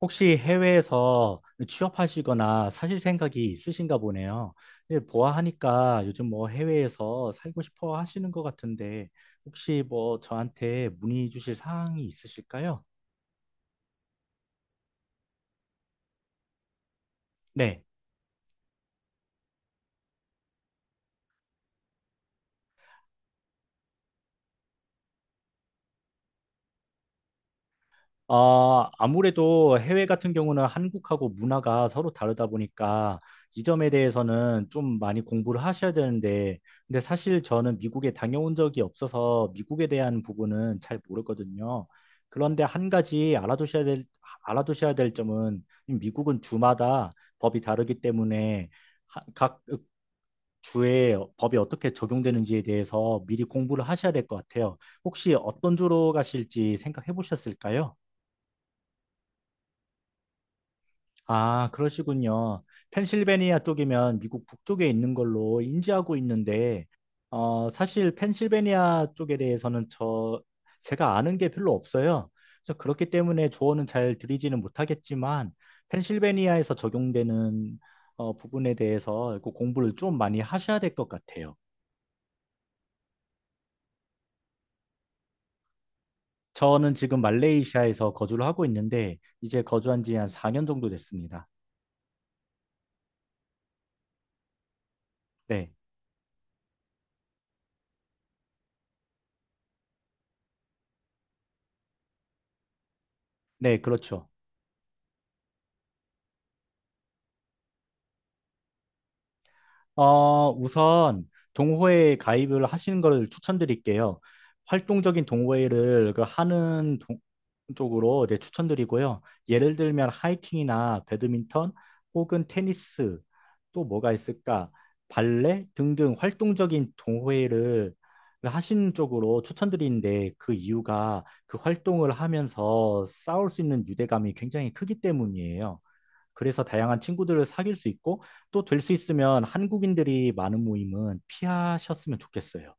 혹시 해외에서 취업하시거나 사실 생각이 있으신가 보네요. 예, 보아하니까 요즘 뭐 해외에서 살고 싶어 하시는 것 같은데 혹시 뭐 저한테 문의 주실 사항이 있으실까요? 네. 아, 아무래도 해외 같은 경우는 한국하고 문화가 서로 다르다 보니까 이 점에 대해서는 좀 많이 공부를 하셔야 되는데, 근데 사실 저는 미국에 다녀온 적이 없어서 미국에 대한 부분은 잘 모르거든요. 그런데 한 가지 알아두셔야 될, 알아두셔야 될 점은 미국은 주마다 법이 다르기 때문에 각 주에 법이 어떻게 적용되는지에 대해서 미리 공부를 하셔야 될 것 같아요. 혹시 어떤 주로 가실지 생각해 보셨을까요? 아, 그러시군요. 펜실베니아 쪽이면 미국 북쪽에 있는 걸로 인지하고 있는데, 어, 사실 펜실베니아 쪽에 대해서는 제가 아는 게 별로 없어요. 그래서 그렇기 때문에 조언은 잘 드리지는 못하겠지만, 펜실베니아에서 적용되는 부분에 대해서 그 공부를 좀 많이 하셔야 될 것 같아요. 저는 지금 말레이시아에서 거주를 하고 있는데, 이제 거주한 지 한 4년 정도 됐습니다. 네, 네, 그렇죠. 우선 동호회에 가입을 하시는 걸 추천드릴게요. 활동적인 동호회를 그 하는 쪽으로 네, 추천드리고요. 예를 들면 하이킹이나 배드민턴 혹은 테니스 또 뭐가 있을까? 발레 등등 활동적인 동호회를 하시는 쪽으로 추천드리는데 그 이유가 그 활동을 하면서 싸울 수 있는 유대감이 굉장히 크기 때문이에요. 그래서 다양한 친구들을 사귈 수 있고 또 될 수 있으면 한국인들이 많은 모임은 피하셨으면 좋겠어요.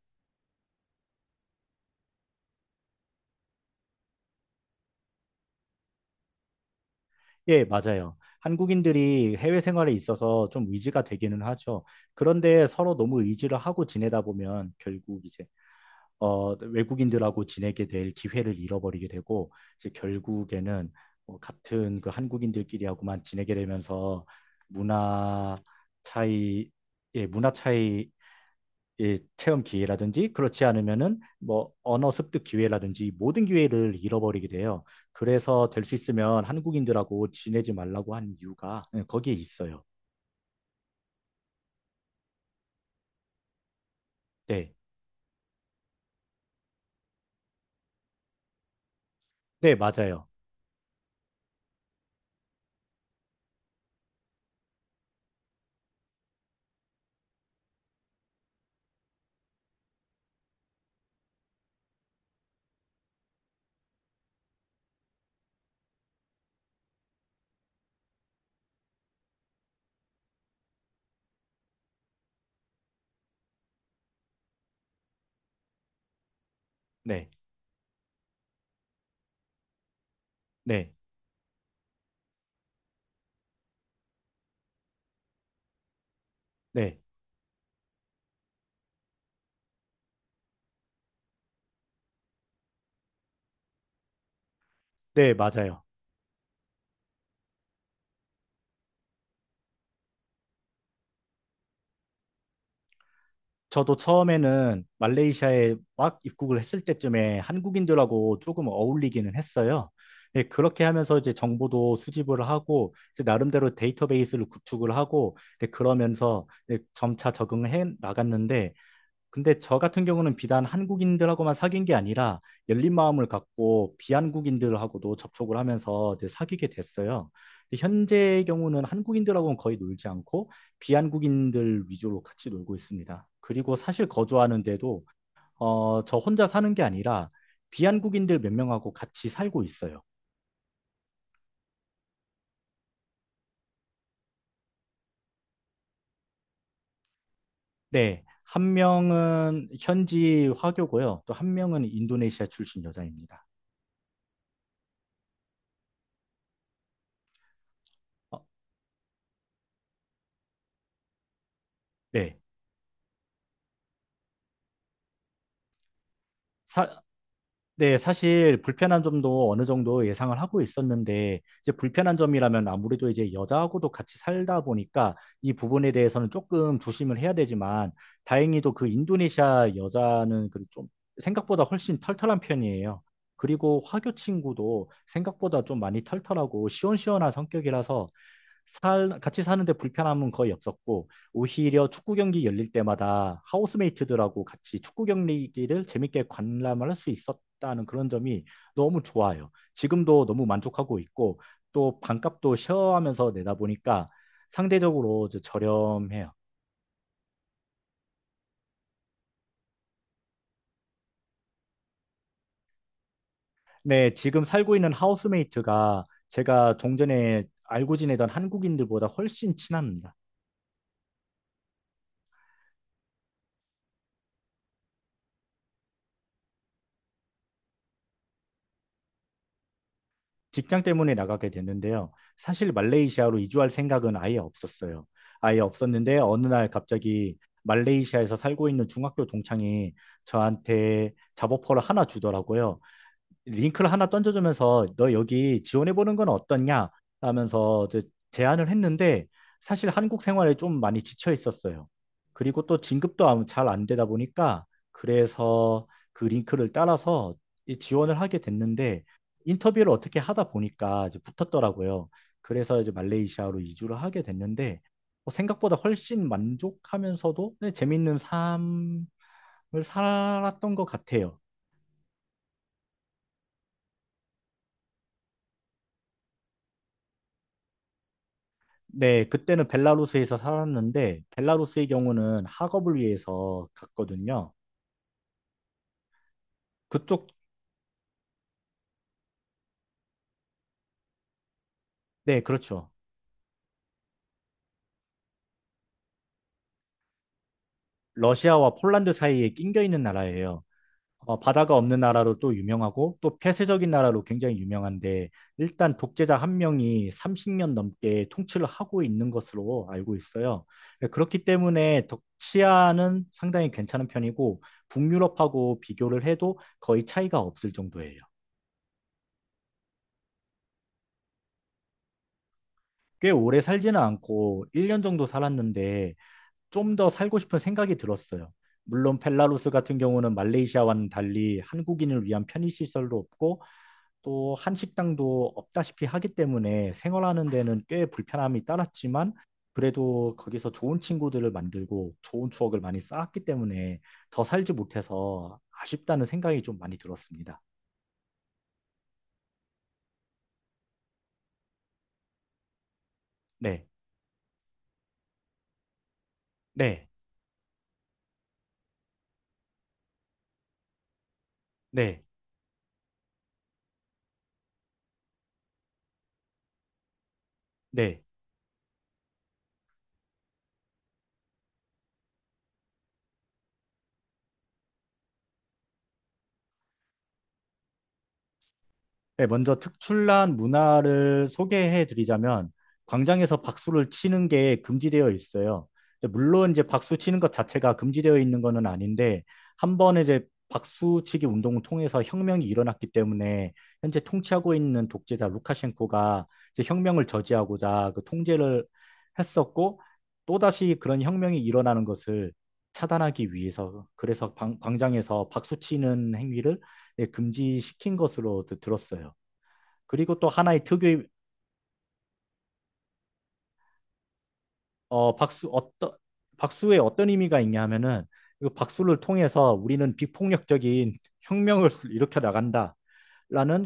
예, 맞아요. 한국인들이 해외 생활에 있어서 좀 의지가 되기는 하죠. 그런데 서로 너무 의지를 하고 지내다 보면 결국 이제 외국인들하고 지내게 될 기회를 잃어버리게 되고 이제 결국에는 같은 그 한국인들끼리하고만 지내게 되면서 문화 차이, 예, 문화 차이 이 체험 기회라든지 그렇지 않으면은 뭐 언어 습득 기회라든지 모든 기회를 잃어버리게 돼요. 그래서 될 수 있으면 한국인들하고 지내지 말라고 한 이유가 예, 거기에 있어요. 네, 네, 맞아요. 네, 네, 네, 네, 맞아요. 저도 처음에는 말레이시아에 막 입국을 했을 때쯤에 한국인들하고 조금 어울리기는 했어요. 예, 그렇게 하면서 이제 정보도 수집을 하고 이제 나름대로 데이터베이스를 구축을 하고 예, 그러면서 예, 점차 적응해 나갔는데 근데 저 같은 경우는 비단 한국인들하고만 사귄 게 아니라 열린 마음을 갖고 비한국인들하고도 접촉을 하면서 이제 사귀게 됐어요. 근데 현재의 경우는 한국인들하고는 거의 놀지 않고 비한국인들 위주로 같이 놀고 있습니다. 그리고 사실 거주하는 데도 저 혼자 사는 게 아니라 비한국인들 몇 명하고 같이 살고 있어요. 네, 한 명은 현지 화교고요. 또 한 명은 인도네시아 출신 여자입니다. 어, 네. 사, 네, 사실 불편한 점도 어느 정도 예상을 하고 있었는데, 이제 불편한 점이라면 아무래도 이제 여자하고도 같이 살다 보니까 이 부분에 대해서는 조금 조심을 해야 되지만, 다행히도 그 인도네시아 여자는 그 좀 생각보다 훨씬 털털한 편이에요. 그리고 화교 친구도 생각보다 좀 많이 털털하고 시원시원한 성격이라서 같이 사는데 불편함은 거의 없었고, 오히려 축구 경기 열릴 때마다 하우스메이트들하고 같이 축구 경기를 재밌게 관람을 할 수 있었다는 그런 점이 너무 좋아요. 지금도 너무 만족하고 있고, 또 반값도 쉐어하면서 내다 보니까 상대적으로 저렴해요. 네, 지금 살고 있는 하우스메이트가 제가 종전에 알고 지내던 한국인들보다 훨씬 친합니다. 직장 때문에 나가게 됐는데요. 사실 말레이시아로 이주할 생각은 아예 없었어요. 아예 없었는데 어느 날 갑자기 말레이시아에서 살고 있는 중학교 동창이 저한테 잡오퍼를 하나 주더라고요. 링크를 하나 던져주면서 너 여기 지원해보는 건 어떻냐? 라면서 이제 제안을 했는데 사실 한국 생활에 좀 많이 지쳐 있었어요. 그리고 또 진급도 잘 안 되다 보니까 그래서 그 링크를 따라서 이 지원을 하게 됐는데 인터뷰를 어떻게 하다 보니까 이제 붙었더라고요. 그래서 이제 말레이시아로 이주를 하게 됐는데 뭐 생각보다 훨씬 만족하면서도 네, 재밌는 삶을 살았던 것 같아요. 네, 그때는 벨라루스에서 살았는데 벨라루스의 경우는 학업을 위해서 갔거든요. 그쪽, 네, 그렇죠. 러시아와 폴란드 사이에 낑겨 있는 나라예요. 어, 바다가 없는 나라로 또 유명하고 또 폐쇄적인 나라로 굉장히 유명한데 일단 독재자 한 명이 30년 넘게 통치를 하고 있는 것으로 알고 있어요. 네, 그렇기 때문에 치안은 상당히 괜찮은 편이고 북유럽하고 비교를 해도 거의 차이가 없을 정도예요. 꽤 오래 살지는 않고 1년 정도 살았는데 좀 더 살고 싶은 생각이 들었어요. 물론 펠라루스 같은 경우는 말레이시아와는 달리 한국인을 위한 편의시설도 없고 또 한식당도 없다시피 하기 때문에 생활하는 데는 꽤 불편함이 따랐지만 그래도 거기서 좋은 친구들을 만들고 좋은 추억을 많이 쌓았기 때문에 더 살지 못해서 아쉽다는 생각이 좀 많이 들었습니다. 네, 네, 네, 네. 네, 먼저 특출난 문화를 소개해 드리자면 광장에서 박수를 치는 게 금지되어 있어요. 근데 물론 이제 박수 치는 것 자체가 금지되어 있는 것은 아닌데 한 번에 이제 박수치기 운동을 통해서 혁명이 일어났기 때문에 현재 통치하고 있는 독재자 루카셴코가 이제 혁명을 저지하고자 그 통제를 했었고 또다시 그런 혁명이 일어나는 것을 차단하기 위해서 그래서 광장에서 박수치는 행위를 예, 금지시킨 것으로 들었어요. 그리고 또 하나의 특유의 어, 박수 어떤 박수에 어떤 의미가 있냐 하면은 이 박수를 통해서 우리는 비폭력적인 혁명을 일으켜 나간다라는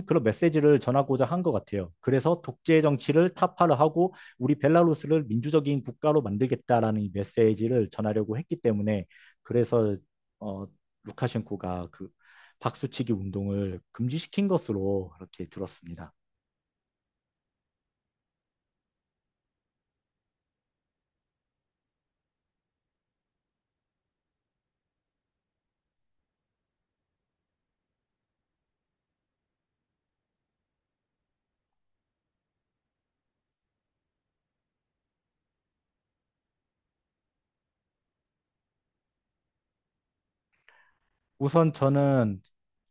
그런 메시지를 전하고자 한 것 같아요. 그래서 독재 정치를 타파를 하고 우리 벨라루스를 민주적인 국가로 만들겠다라는 이 메시지를 전하려고 했기 때문에 그래서 어, 루카셴코가 그 박수치기 운동을 금지시킨 것으로 그렇게 들었습니다. 우선 저는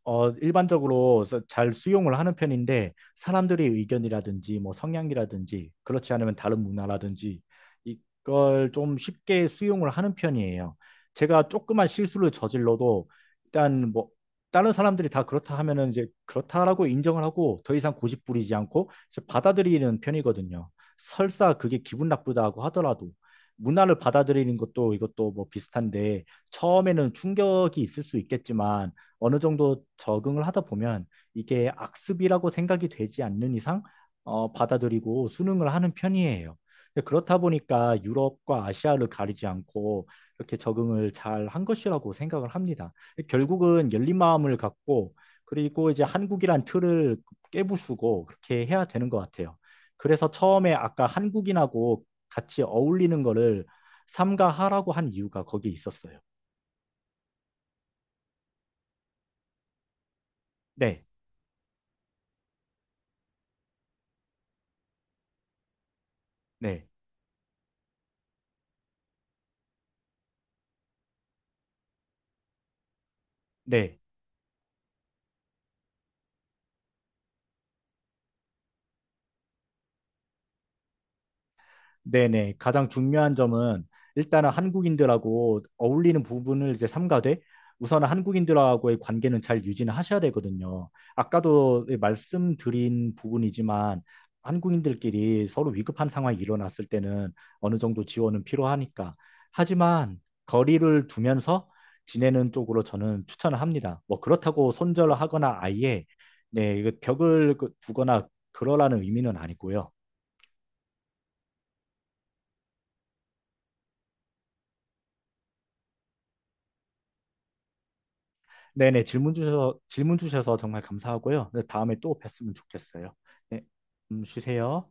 일반적으로 잘 수용을 하는 편인데 사람들의 의견이라든지 뭐 성향이라든지 그렇지 않으면 다른 문화라든지 이걸 좀 쉽게 수용을 하는 편이에요. 제가 조그만 실수를 저질러도 일단 뭐 다른 사람들이 다 그렇다 하면은 이제 그렇다라고 인정을 하고 더 이상 고집 부리지 않고 이제 받아들이는 편이거든요. 설사 그게 기분 나쁘다고 하더라도 문화를 받아들이는 것도 이것도 뭐 비슷한데 처음에는 충격이 있을 수 있겠지만 어느 정도 적응을 하다 보면 이게 악습이라고 생각이 되지 않는 이상 받아들이고 수능을 하는 편이에요. 근데 그렇다 보니까 유럽과 아시아를 가리지 않고 이렇게 적응을 잘 한 것이라고 생각을 합니다. 결국은 열린 마음을 갖고 그리고 이제 한국이란 틀을 깨부수고 그렇게 해야 되는 것 같아요. 그래서 처음에 아까 한국인하고 같이 어울리는 거를 삼가하라고 한 이유가 거기 있었어요. 네, 네, 네, 네, 네. 가장 중요한 점은 일단은 한국인들하고 어울리는 부분을 이제 삼가되 우선은 한국인들하고의 관계는 잘 유지는 하셔야 되거든요. 아까도 말씀드린 부분이지만 한국인들끼리 서로 위급한 상황이 일어났을 때는 어느 정도 지원은 필요하니까. 하지만 거리를 두면서 지내는 쪽으로 저는 추천을 합니다. 뭐 그렇다고 손절을 하거나 아예 네, 이거 벽을 두거나 그러라는 의미는 아니고요. 네네, 질문 주셔서 정말 감사하고요. 네, 다음에 또 뵀으면 좋겠어요. 네, 쉬세요.